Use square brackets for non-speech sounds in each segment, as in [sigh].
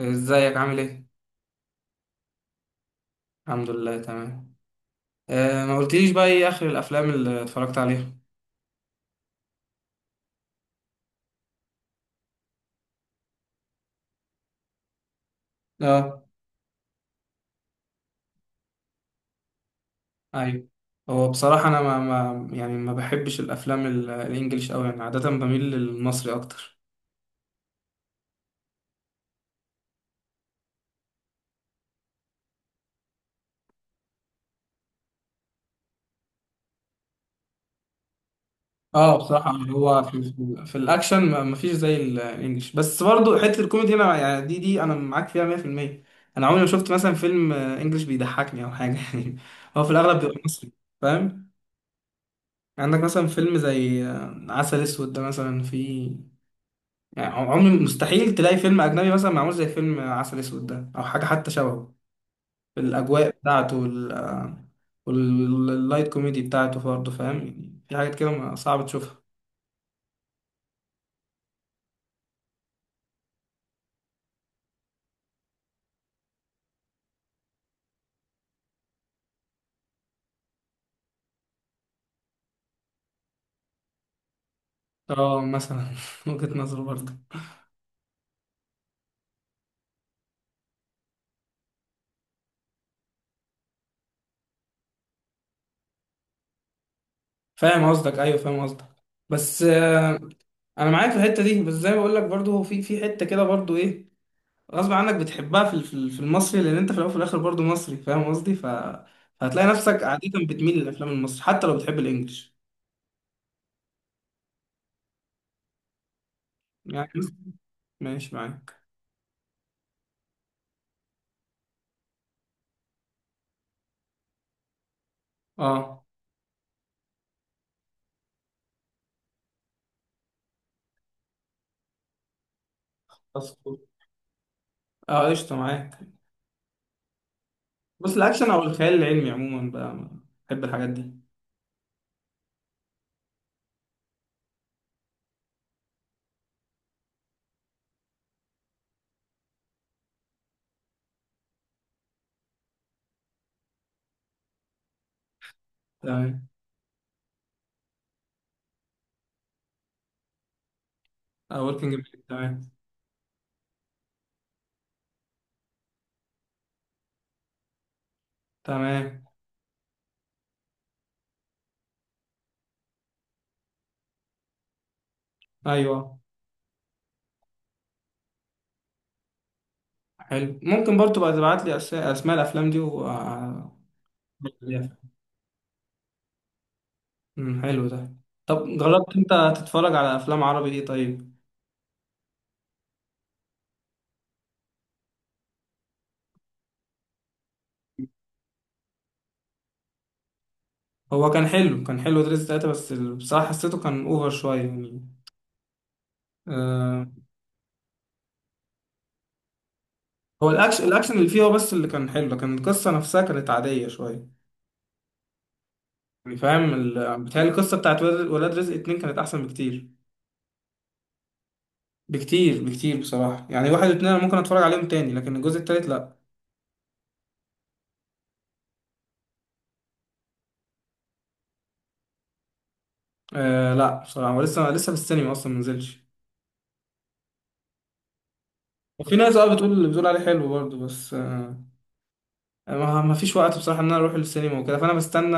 ازيك عامل ايه؟ الحمد لله تمام. آه، ما قلتليش بقى ايه اخر الافلام اللي اتفرجت عليها؟ اه. ايوه. هو بصراحة انا ما يعني ما بحبش الافلام الانجليش قوي، يعني عادة بميل للمصري اكتر. اه بصراحة، اللي هو في الاكشن ما فيش زي الانجليش، بس برضو حتة الكوميدي هنا يعني دي انا معاك فيها 100%. انا عمري ما شفت مثلا فيلم انجليش بيضحكني او حاجة [laughs] يعني. هو في الاغلب بيبقى مصري، فاهم؟ عندك مثلا فيلم زي عسل اسود ده مثلا فيه، يعني عمري مستحيل تلاقي فيلم أجنبي مثلا معمول زي فيلم عسل أسود ده أو حاجة حتى شبهه، في الأجواء بتاعته واللايت كوميدي بتاعته برضه، فاهم؟ يعني في حاجات كده صعب تشوفها. اه مثلا [laughs] وجهة نظر برضه. فاهم قصدك، ايوه فاهم قصدك. بس انا معاك في الحته دي، بس زي ما بقول لك برضه في حته كده برضه ايه، غصب عنك بتحبها في المصري، لان انت في الاول وفي الاخر برضه مصري، فاهم قصدي؟ فهتلاقي نفسك عاده بتميل للافلام المصري حتى لو بتحب الانجليش، يعني. ماشي معاك. اه فاست فود. اه قشطة معاك. بص الأكشن أو الخيال العلمي عموما بقى بحب الحاجات دي. تمام. اه وركينج بليك تمام. تمام. أيوه. حلو، ممكن برضو بقى تبعت لي أسماء الأفلام دي و آه، حلو ده. طب جربت أنت تتفرج على أفلام عربي إيه طيب؟ هو كان حلو، كان حلو دريس تلاتة، بس بصراحة حسيته كان أوفر شوية يعني. آه. هو الأكشن، الأكشن اللي فيه هو بس اللي كان حلو، لكن القصة نفسها كانت عادية شوية. فاهم بتهيألي القصة بتاعت ولاد رزق اتنين كانت أحسن بكتير. بكتير بكتير بصراحة، يعني واحد واتنين أنا ممكن أتفرج عليهم تاني، لكن الجزء التالت لأ. آه لأ بصراحة، هو لسه لسه في السينما أصلا منزلش. وفي ناس بتقول عليه حلو برضه، بس ما فيش وقت بصراحة إن أنا أروح للسينما وكده، فأنا بستنى،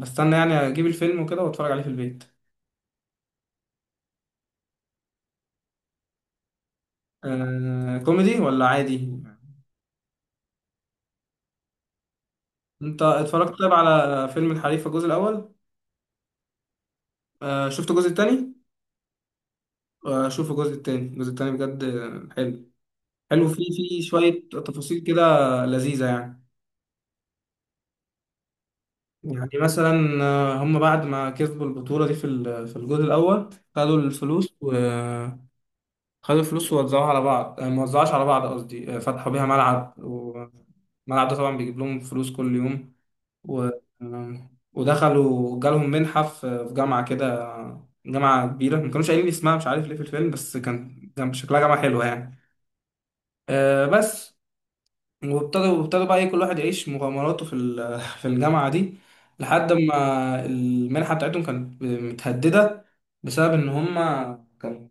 بستنى يعني أجيب الفيلم وكده وأتفرج عليه في البيت. آه كوميدي ولا عادي؟ أنت اتفرجت طيب على فيلم الحريفة الجزء الأول؟ آه شفت الجزء التاني؟ آه شوف الجزء التاني، الجزء التاني بجد حلو. حلو، في شوية تفاصيل كده لذيذة يعني. يعني مثلا هم بعد ما كسبوا البطولة دي في الجول الأول، خدوا الفلوس وخدوا الفلوس ووزعوها على بعض. ما وزعوهاش على بعض قصدي، فتحوا بيها ملعب، والملعب ده طبعا بيجيب لهم فلوس كل يوم و... آه، ودخلوا جالهم منحة في جامعة كده، جامعة كبيرة ما كانوش قايلين لي اسمها مش عارف ليه في الفيلم، بس كان كان شكلها جامعة حلوة يعني. آه، بس وابتدوا بقى ايه كل واحد يعيش مغامراته [laughs] في الجامعه دي، لحد ما المنحه بتاعتهم كانت متهدده بسبب ان هم كان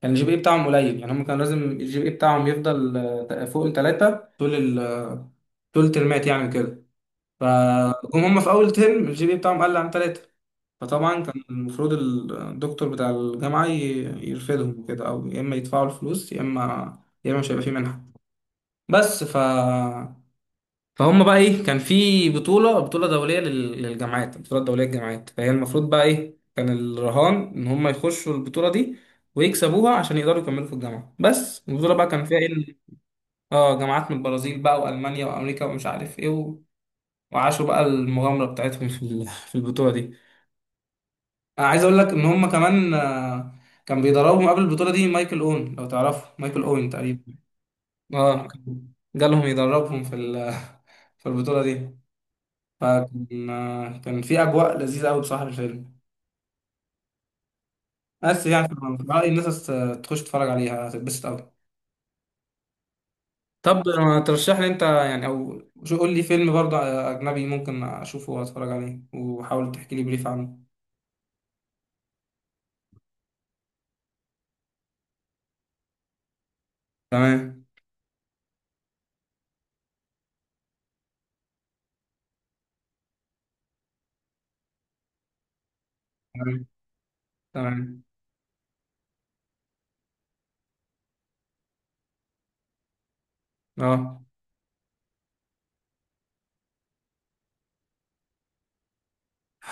كان الجي بي اي بتاعهم قليل. يعني هم كان لازم الجي بي اي بتاعهم يفضل فوق الثلاثه طول [laughs] طول الترمات يعني كده. فجم هم في اول ترم الجي بي اي بتاعهم قل عن ثلاثه. فطبعا كان المفروض الدكتور بتاع الجامعه يرفدهم كده، او يا اما يدفعوا الفلوس يا اما، يا اما مش هيبقى في منحه. بس فهم بقى ايه كان في بطولة دولية للجامعات، البطولة الدولية للجامعات. فهي المفروض بقى ايه، كان الرهان ان هم يخشوا البطولة دي ويكسبوها عشان يقدروا يكملوا في الجامعة. بس البطولة بقى كان فيها ايه جامعات من البرازيل بقى والمانيا وامريكا ومش عارف ايه وعاشوا بقى المغامرة بتاعتهم [laughs] في البطولة دي. انا عايز اقول لك ان هم كمان كان بيدربهم قبل البطولة دي مايكل اون، لو تعرفه مايكل اون تقريبا. اه كان جالهم يدربهم [laughs] في البطولة دي. فكان آه، كان في أجواء لذيذة أوي بصراحة في الفيلم، بس يعني في رأيي الناس تخش تتفرج عليها هتتبسط أوي. طب ما ترشح لي أنت يعني أو شو، قول لي فيلم برضه أجنبي ممكن أشوفه وأتفرج عليه، وحاول تحكي لي بريف عنه. تمام. تمام. تمام. أه.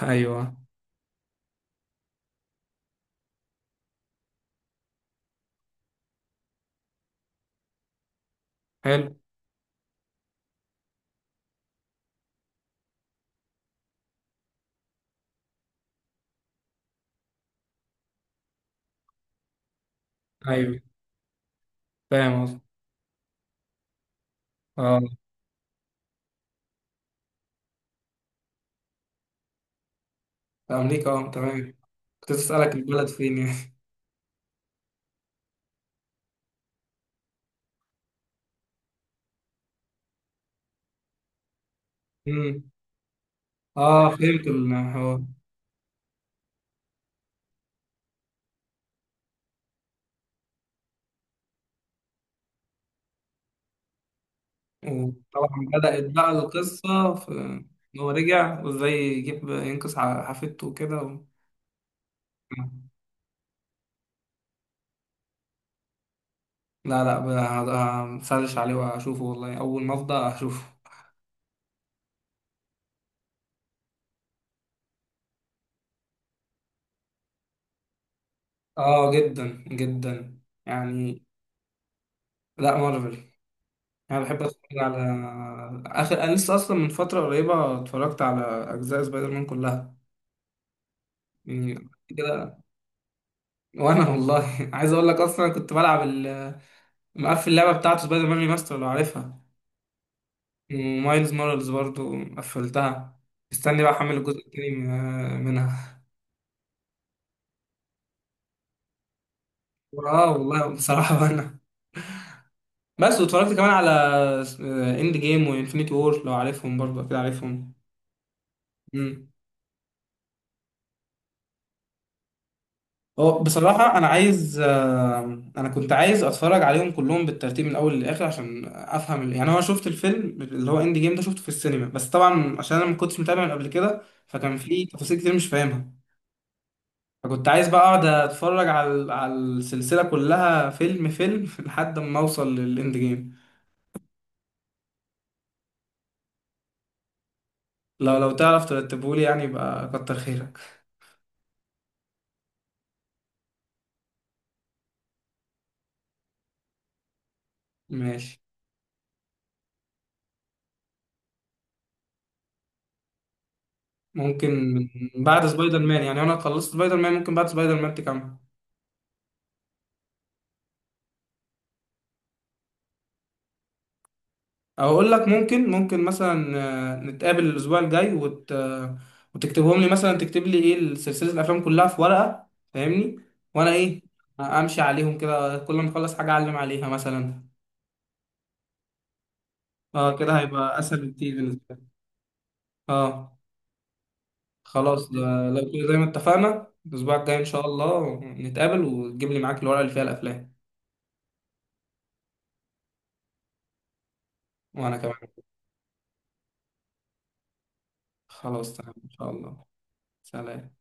أيوه حلو. أيوه فاهم قصدي. أه. في أمريكا أه تمام. كنت أسألك البلد فين يعني [laughs] أمم. أه فهمت الحوار. وطبعا بدأت بقى القصة في إن هو رجع، وإزاي يجيب ينقذ حفيدته وكده لا لا، هسرش عليه وأشوفه، والله أول ما أفضى أشوفه. آه جدا جدا يعني. لا مارفل. أنا بحب أتفرج على آخر، أنا لسه أصلا من فترة قريبة اتفرجت على أجزاء سبايدر مان كلها، يعني كده. وأنا والله [laughs] عايز أقول لك أصلا كنت بلعب مقفل اللعبة بتاعته سبايدر مان ريماستر، لو عارفها. ومايلز مورالز برضو قفلتها. استني بقى احمل الجزء التاني منها. اه والله بصراحة [laughs] وانا، بس واتفرجت كمان على اند جيم وانفينيتي وور، لو عارفهم برضو اكيد عارفهم. امم هو بصراحة أنا عايز أنا كنت عايز أتفرج عليهم كلهم بالترتيب من الأول للآخر عشان أفهم يعني أنا شفت الفيلم اللي هو إند جيم ده شفته في السينما، بس طبعا عشان أنا ما كنتش متابع من قبل كده، فكان في تفاصيل كتير مش فاهمها. فكنت عايز بقى اقعد اتفرج على السلسله كلها فيلم فيلم [laughs] لحد ما اوصل للاند جيم. لو تعرف ترتبهولي، يعني يبقى كتر خيرك. ماشي. ممكن من بعد سبايدر مان يعني، انا خلصت سبايدر مان ممكن بعد سبايدر مان تكمل. او اقول لك ممكن مثلا نتقابل الاسبوع الجاي وت... آه، وتكتبهم لي، مثلا تكتب لي ايه سلسله الافلام كلها في ورقه، فاهمني؟ وانا ايه، امشي عليهم كده كل ما اخلص حاجه اعلم عليها مثلا. اه كده هيبقى اسهل بكتير بالنسبه لي. اه خلاص لو كده زي ما اتفقنا، الأسبوع الجاي إن شاء الله نتقابل وتجيب لي معاك الورقة اللي فيها الأفلام. وأنا كمان. خلاص تمام إن شاء الله. سلام.